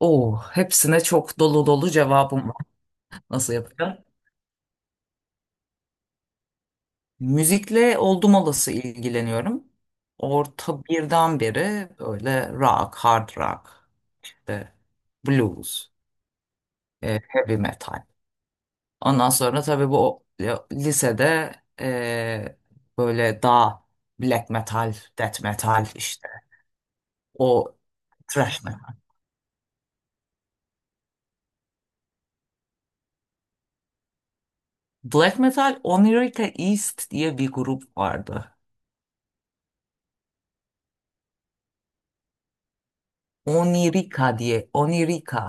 Oo, hepsine çok dolu dolu cevabım var. Nasıl yapacağım? Müzikle oldum olası ilgileniyorum. Orta birden beri böyle rock, hard rock, işte blues, heavy metal. Ondan sonra tabii ya, lisede e, böyle daha black metal, death metal işte o thrash metal. Black metal Onirica East diye bir grup vardı. Onirica diye, Onirica.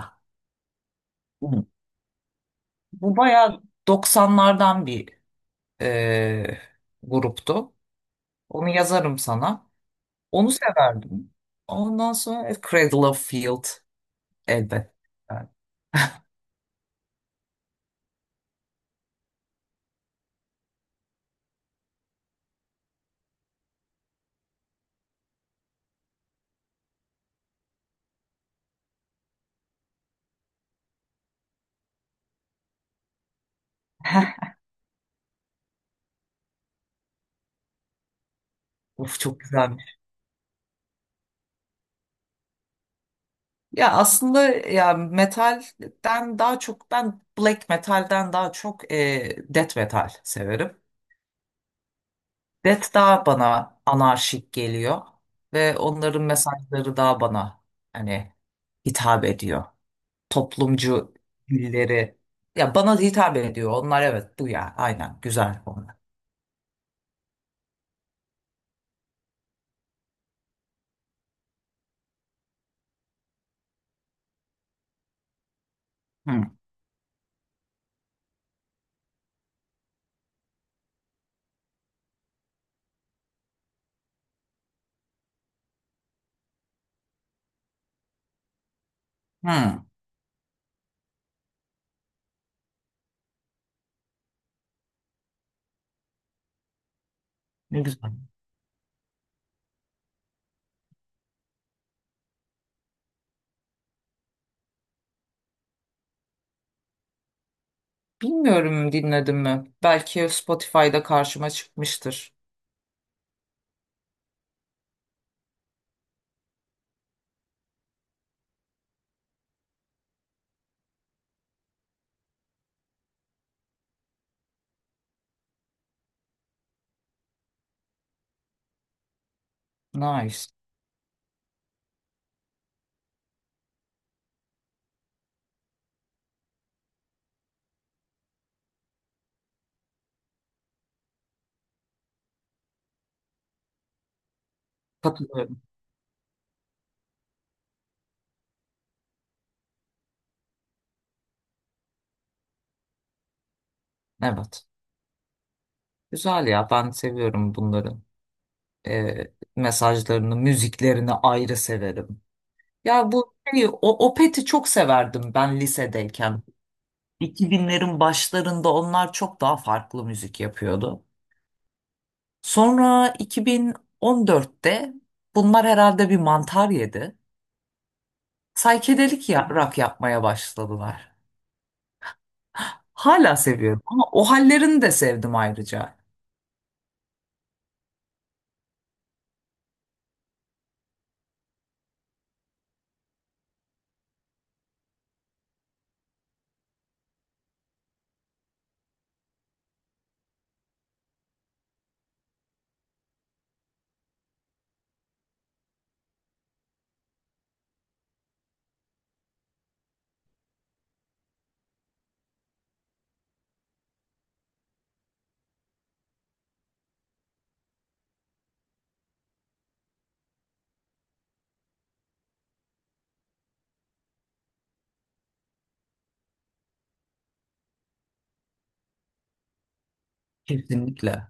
Bu bayağı 90'lardan bir e, gruptu. Onu yazarım sana. Onu severdim. Ondan sonra Cradle of Field elbette. Yani, Of çok güzelmiş. Ya aslında ya metalden daha çok ben black metalden daha çok death metal severim. Death daha bana anarşik geliyor ve onların mesajları daha bana hani hitap ediyor. Toplumcu dilleri. Ya bana hitap ediyor. Onlar evet bu ya. Aynen güzel onlar. Hı. Hı. Ne güzel. Bilmiyorum, dinledim mi? Belki Spotify'da karşıma çıkmıştır. Nice. Katılıyorum. Evet. Güzel ya. Ben seviyorum bunları. Mesajlarını, müziklerini ayrı severim. O Opet'i çok severdim ben lisedeyken. 2000'lerin başlarında onlar çok daha farklı müzik yapıyordu. Sonra 2014'te bunlar herhalde bir mantar yedi. Saykedelik rock yapmaya başladılar. Hala seviyorum ama o hallerini de sevdim ayrıca. Kesinlikle.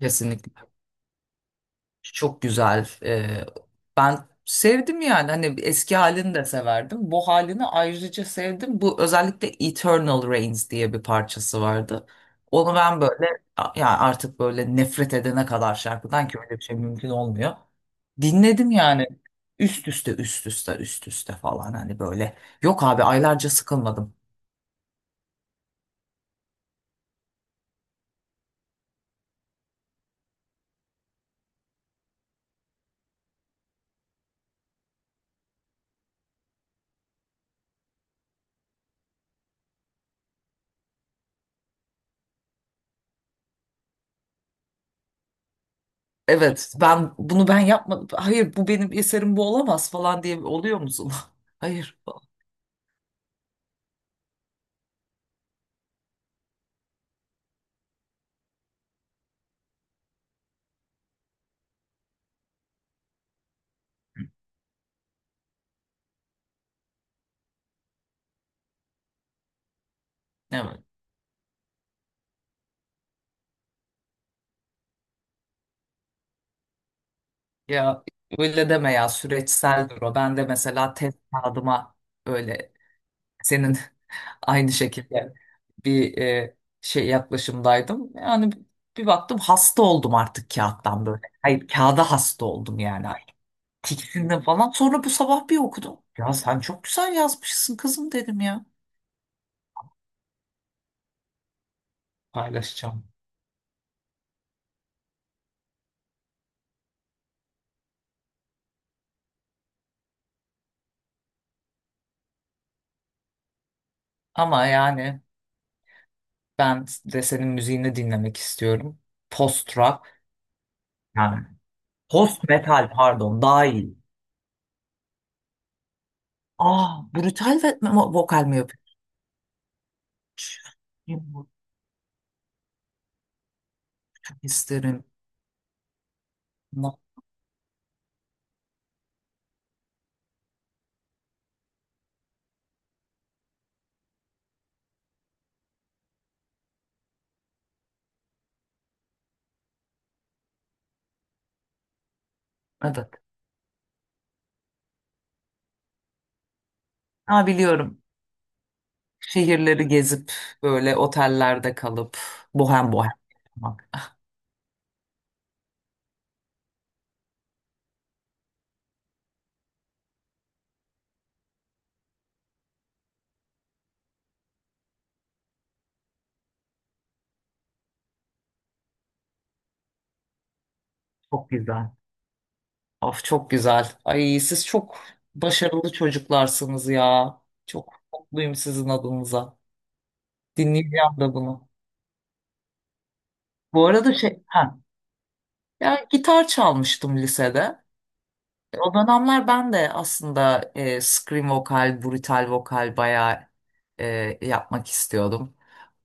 Kesinlikle. Çok güzel. Ben sevdim yani hani eski halini de severdim. Bu halini ayrıca sevdim. Bu özellikle Eternal Rains diye bir parçası vardı. Onu ben böyle ya artık böyle nefret edene kadar şarkıdan, ki öyle bir şey mümkün olmuyor. Dinledim yani üst üste üst üste üst üste falan hani böyle. Yok abi aylarca sıkılmadım. Evet, bunu ben yapmadım. Hayır, bu benim eserim, bu olamaz falan diye oluyor musun? Hayır falan. Evet. Ya öyle deme ya, süreçseldir o. Ben de mesela test kağıdıma öyle senin aynı şekilde bir yaklaşımdaydım. Yani bir baktım hasta oldum artık kağıttan böyle. Hayır, kağıda hasta oldum yani. Fikrinden falan. Sonra bu sabah bir okudum. Ya sen çok güzel yazmışsın kızım dedim ya. Paylaşacağım. Ama yani ben de senin müziğini dinlemek istiyorum. Post rock yani Post metal pardon, daha iyi. Aa, brutal ve vokal mi yapıyormuş? Kim bu? İsterim. No, evet. Ha, biliyorum. Şehirleri gezip böyle otellerde kalıp bohem bohem yaşamak. Çok güzel. Of çok güzel. Ay siz çok başarılı çocuklarsınız ya. Çok mutluyum sizin adınıza. Dinleyeceğim de bunu. Bu arada şey, ha, Ya gitar çalmıştım lisede. O dönemler ben de aslında scream vokal, brutal vokal bayağı e, yapmak istiyordum.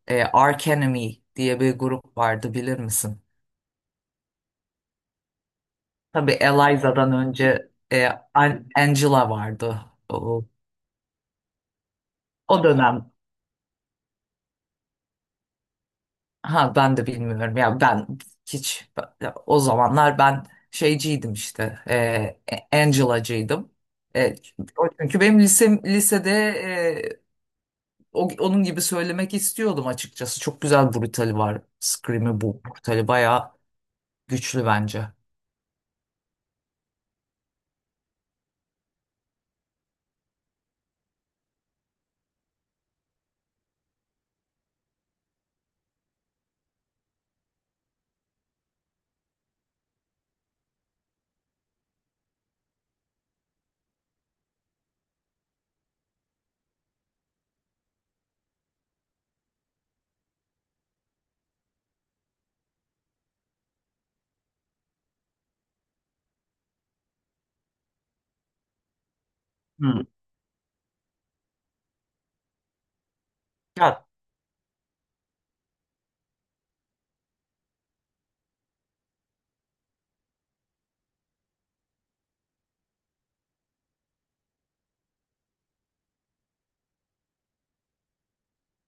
Arch Enemy diye bir grup vardı, bilir misin? Tabii Eliza'dan önce Angela vardı. O, o dönem ha ben de bilmiyorum ya, ben hiç o zamanlar ben şeyciydim işte, Angela'cıydım. E, o çünkü lisede e, onun gibi söylemek istiyordum açıkçası. Çok güzel brutali var. Scream'i bu brutali bayağı güçlü bence. Hmm. Ya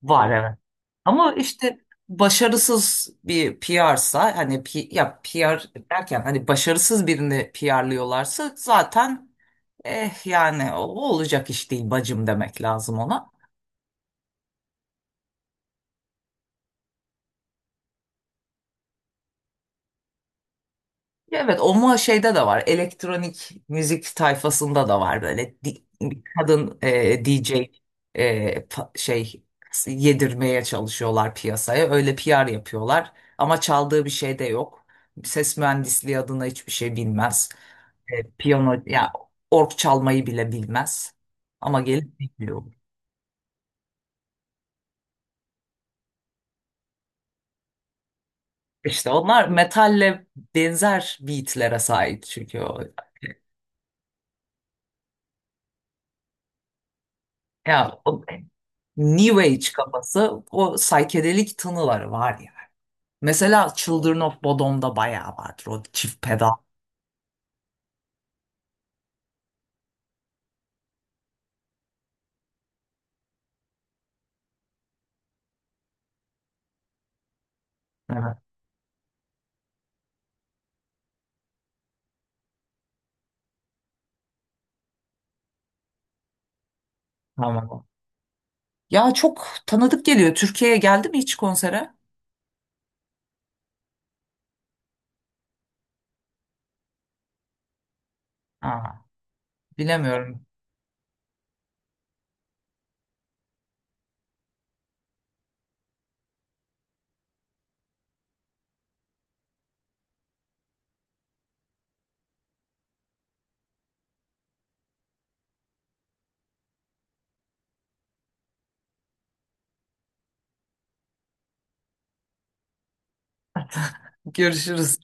var, evet. Ama işte başarısız bir PR'sa, hani PR derken hani başarısız birini PR'lıyorlarsa zaten eh yani o olacak iş değil bacım demek lazım ona. Evet ama şeyde de var, elektronik müzik tayfasında da var böyle bir kadın DJ e, pa- şey yedirmeye çalışıyorlar piyasaya, öyle PR yapıyorlar ama çaldığı bir şey de yok, ses mühendisliği adına hiçbir şey bilmez. Piyano ya org çalmayı bile bilmez ama gelip dinliyor. İşte onlar metalle benzer beatlere sahip çünkü ya o- New Age kafası, o saykedelik tınıları var ya. Mesela Children of Bodom'da bayağı vardır o çift pedal. Evet, tamam. Ya çok tanıdık geliyor. Türkiye'ye geldi mi hiç konsere? Aa, bilemiyorum. Görüşürüz.